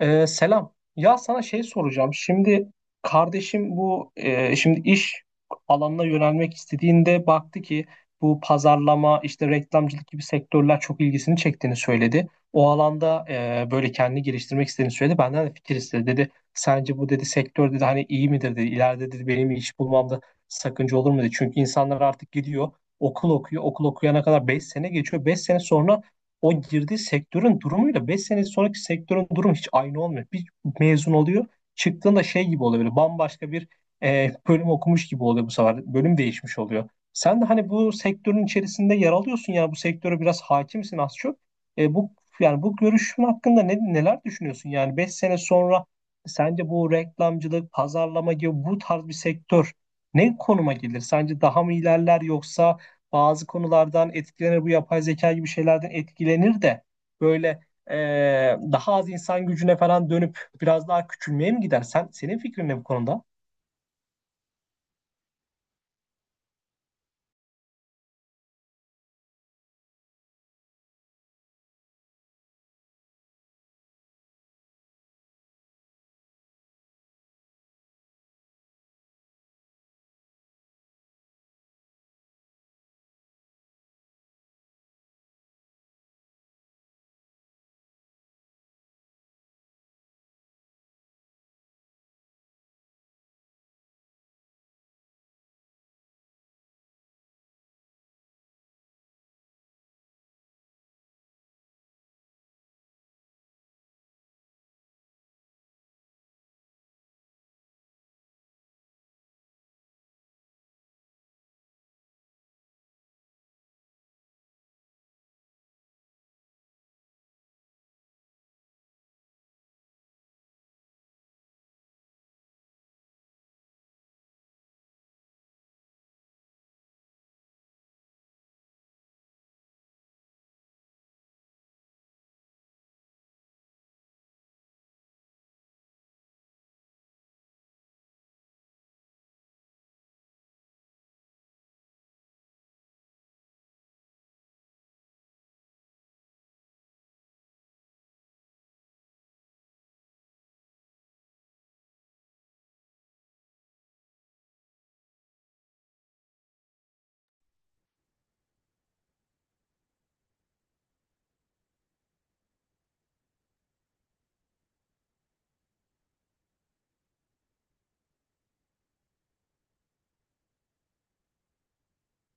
Selam. Ya sana şey soracağım. Şimdi kardeşim bu şimdi iş alanına yönelmek istediğinde baktı ki bu pazarlama işte reklamcılık gibi sektörler çok ilgisini çektiğini söyledi. O alanda böyle kendini geliştirmek istediğini söyledi. Benden de fikir istedi. Dedi sence bu dedi sektör dedi hani iyi midir dedi. İleride dedi benim iş bulmamda sakınca olur mu dedi. Çünkü insanlar artık gidiyor okul okuyor. Okul okuyana kadar 5 sene geçiyor. 5 sene sonra o girdiği sektörün durumuyla 5 sene sonraki sektörün durumu hiç aynı olmuyor. Bir mezun oluyor, çıktığında şey gibi oluyor böyle bambaşka bir bölüm okumuş gibi oluyor bu sefer. Bölüm değişmiş oluyor. Sen de hani bu sektörün içerisinde yer alıyorsun ya, bu sektöre biraz hakimsin az çok. Bu yani bu görüşün hakkında neler düşünüyorsun? Yani 5 sene sonra sence bu reklamcılık, pazarlama gibi bu tarz bir sektör ne konuma gelir? Sence daha mı ilerler yoksa bazı konulardan etkilenir, bu yapay zeka gibi şeylerden etkilenir de böyle e, daha az insan gücüne falan dönüp biraz daha küçülmeye mi gider? Senin fikrin ne bu konuda?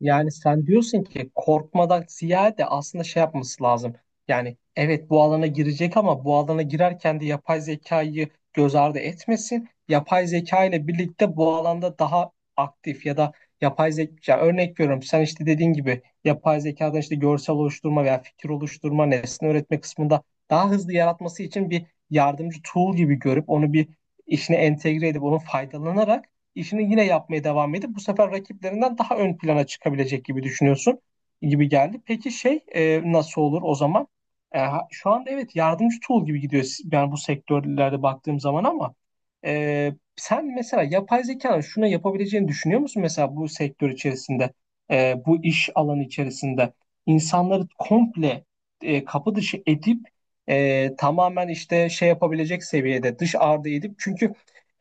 Yani sen diyorsun ki korkmadan ziyade aslında şey yapması lazım. Yani evet, bu alana girecek ama bu alana girerken de yapay zekayı göz ardı etmesin. Yapay zeka ile birlikte bu alanda daha aktif ya da yapay zeka örnek veriyorum, sen işte dediğin gibi yapay zekadan işte görsel oluşturma veya fikir oluşturma, nesne öğretme kısmında daha hızlı yaratması için bir yardımcı tool gibi görüp onu bir işine entegre edip onu faydalanarak işini yine yapmaya devam edip bu sefer rakiplerinden daha ön plana çıkabilecek gibi düşünüyorsun gibi geldi. Peki şey nasıl olur o zaman? Şu anda evet yardımcı tool gibi gidiyor yani bu sektörlerde baktığım zaman ama sen mesela yapay zekanın şunu yapabileceğini düşünüyor musun? Mesela bu sektör içerisinde bu iş alanı içerisinde insanları komple kapı dışı edip tamamen işte şey yapabilecek seviyede dış ardı edip, çünkü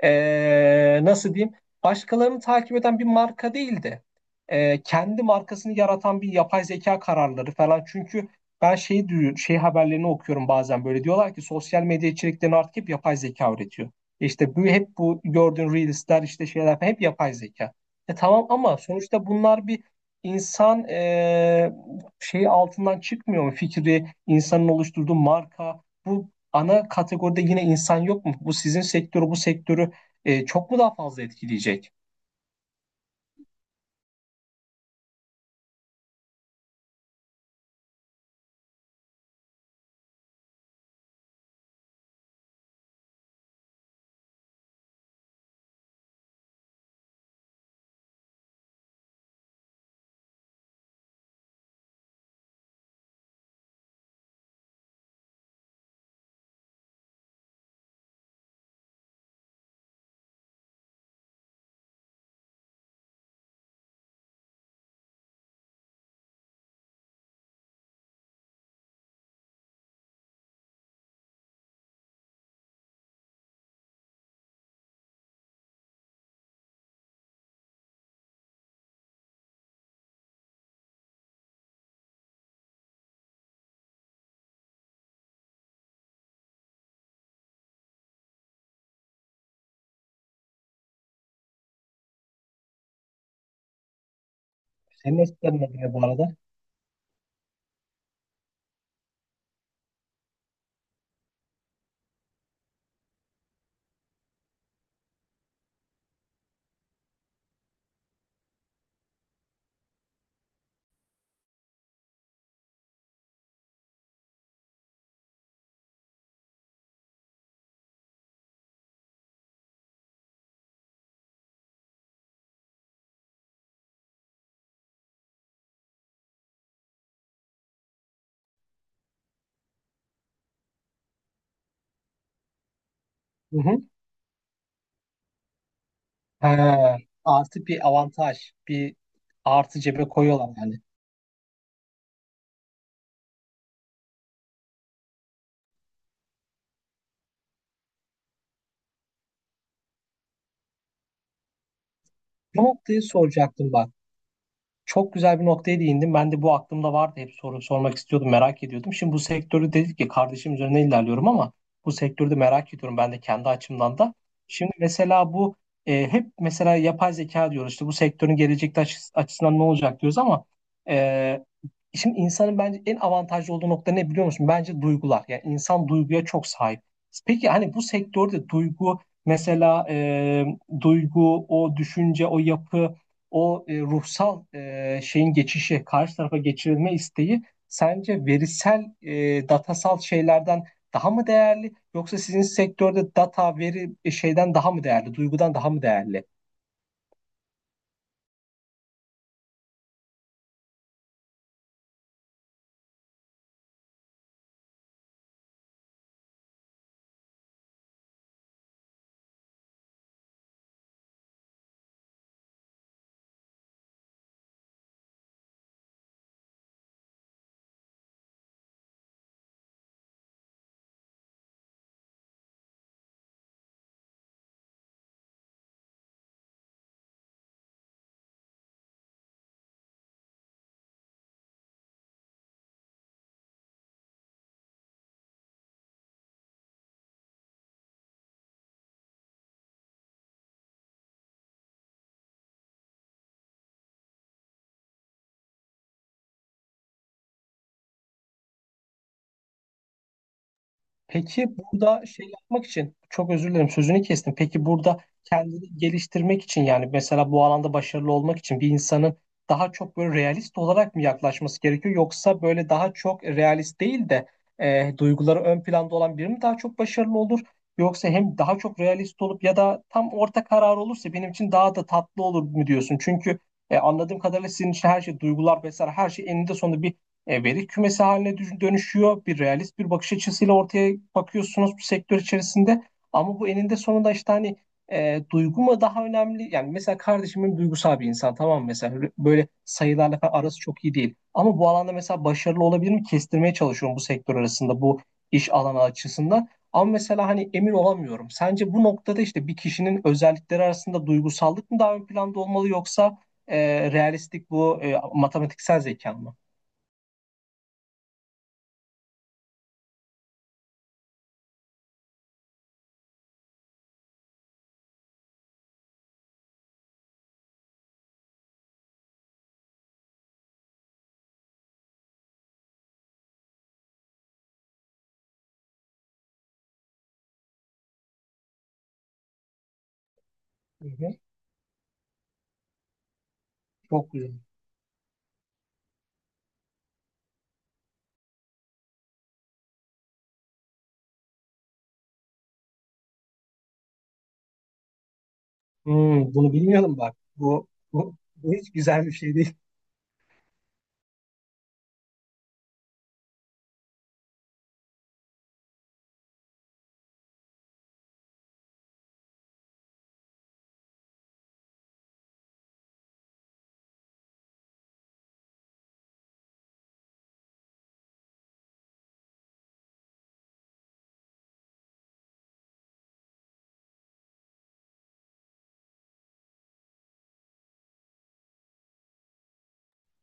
nasıl diyeyim, başkalarını takip eden bir marka değil de kendi markasını yaratan bir yapay zeka kararları falan. Çünkü ben şey haberlerini okuyorum bazen, böyle diyorlar ki sosyal medya içeriklerini artık hep yapay zeka üretiyor. İşte bu hep, bu gördüğün reelsler, işte şeyler falan hep yapay zeka. Tamam, ama sonuçta bunlar bir insan şeyi altından çıkmıyor mu? Fikri, insanın oluşturduğu marka, bu ana kategoride yine insan yok mu? Bu sizin sektörü, bu sektörü çok mu daha fazla etkileyecek? Senin eskilerin ne diyor bu arada? Hı hı. Ha, artı bir avantaj, bir artı cebe koyuyorlar yani. Bu noktayı soracaktım bak. Çok güzel bir noktaya değindin. Ben de bu aklımda vardı. Hep soru sormak istiyordum, merak ediyordum. Şimdi bu sektörü dedik ki kardeşim üzerine ilerliyorum ama bu sektörü de merak ediyorum ben de kendi açımdan da. Şimdi mesela bu hep mesela yapay zeka diyoruz. İşte bu sektörün gelecekte açısından ne olacak diyoruz ama e, şimdi insanın bence en avantajlı olduğu nokta ne biliyor musun? Bence duygular. Yani insan duyguya çok sahip. Peki hani bu sektörde duygu, mesela duygu, o düşünce, o yapı, o ruhsal şeyin geçişi, karşı tarafa geçirilme isteği sence verisel, datasal şeylerden daha mı değerli? Yoksa sizin sektörde data, veri şeyden daha mı değerli? Duygudan daha mı değerli? Peki burada şey yapmak için çok özür dilerim, sözünü kestim. Peki burada kendini geliştirmek için, yani mesela bu alanda başarılı olmak için bir insanın daha çok böyle realist olarak mı yaklaşması gerekiyor, yoksa böyle daha çok realist değil de duyguları ön planda olan biri mi daha çok başarılı olur? Yoksa hem daha çok realist olup ya da tam orta karar olursa benim için daha da tatlı olur mu diyorsun? Çünkü anladığım kadarıyla sizin için her şey, duygular vesaire, her şey eninde sonunda bir veri kümesi haline dönüşüyor. Bir realist bir bakış açısıyla ortaya bakıyorsunuz bu sektör içerisinde. Ama bu eninde sonunda işte hani duygu mu daha önemli? Yani mesela kardeşimin duygusal bir insan, tamam mı? Mesela böyle böyle sayılarla falan arası çok iyi değil. Ama bu alanda mesela başarılı olabilir mi? Kestirmeye çalışıyorum bu sektör arasında, bu iş alanı açısından. Ama mesela hani emin olamıyorum. Sence bu noktada işte bir kişinin özellikleri arasında duygusallık mı daha ön planda olmalı, yoksa realistlik, bu matematiksel zeka mı? Hı hı. Çok güzel. Hmm, bunu bilmiyordum bak. Bu hiç güzel bir şey değil.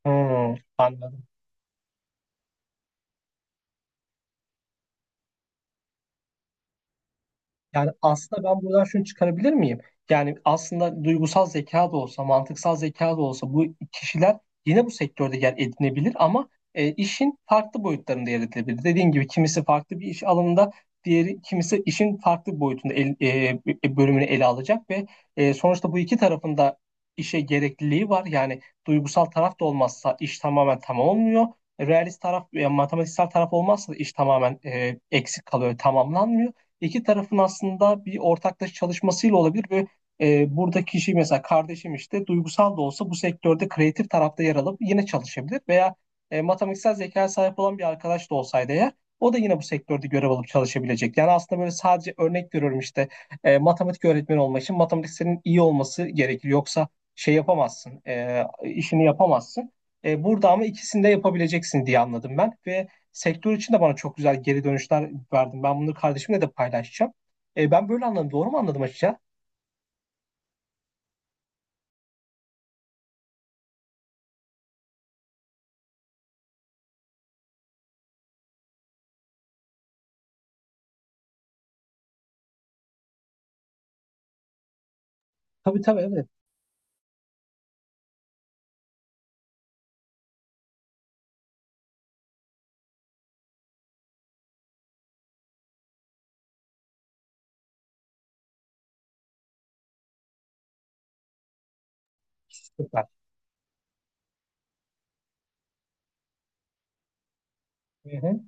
Hmm, anladım. Yani aslında ben buradan şunu çıkarabilir miyim? Yani aslında duygusal zeka da olsa, mantıksal zeka da olsa bu kişiler yine bu sektörde yer edinebilir ama işin farklı boyutlarında yer edinebilir. Dediğim gibi kimisi farklı bir iş alanında, diğeri kimisi işin farklı bir boyutunda, bölümünü ele alacak ve sonuçta bu iki tarafında işe gerekliliği var. Yani duygusal taraf da olmazsa iş tamamen tamam olmuyor. Realist taraf, yani matematiksel taraf olmazsa da iş tamamen eksik kalıyor, tamamlanmıyor. İki tarafın aslında bir ortaklaşa çalışmasıyla olabilir ve buradaki kişi mesela kardeşim işte duygusal da olsa bu sektörde kreatif tarafta yer alıp yine çalışabilir veya matematiksel zekaya sahip olan bir arkadaş da olsaydı eğer o da yine bu sektörde görev alıp çalışabilecek. Yani aslında böyle, sadece örnek veriyorum, işte matematik öğretmeni olmak için matematiksenin iyi olması gerekir. Yoksa şey yapamazsın, işini yapamazsın. Burada ama ikisini de yapabileceksin diye anladım ben ve sektör için de bana çok güzel geri dönüşler verdin. Ben bunları kardeşimle de paylaşacağım. Ben böyle anladım. Doğru mu anladım açıkça? Tabii tabii, evet. Süper. Hı hı.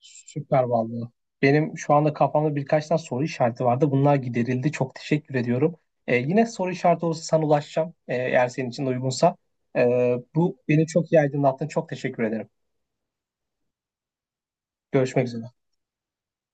Süper vallahi. Benim şu anda kafamda birkaç tane soru işareti vardı. Bunlar giderildi. Çok teşekkür ediyorum. Yine soru işareti olursa sana ulaşacağım. Eğer senin için de uygunsa. E, Bu beni çok iyi aydınlattın. Çok teşekkür ederim. Görüşmek üzere.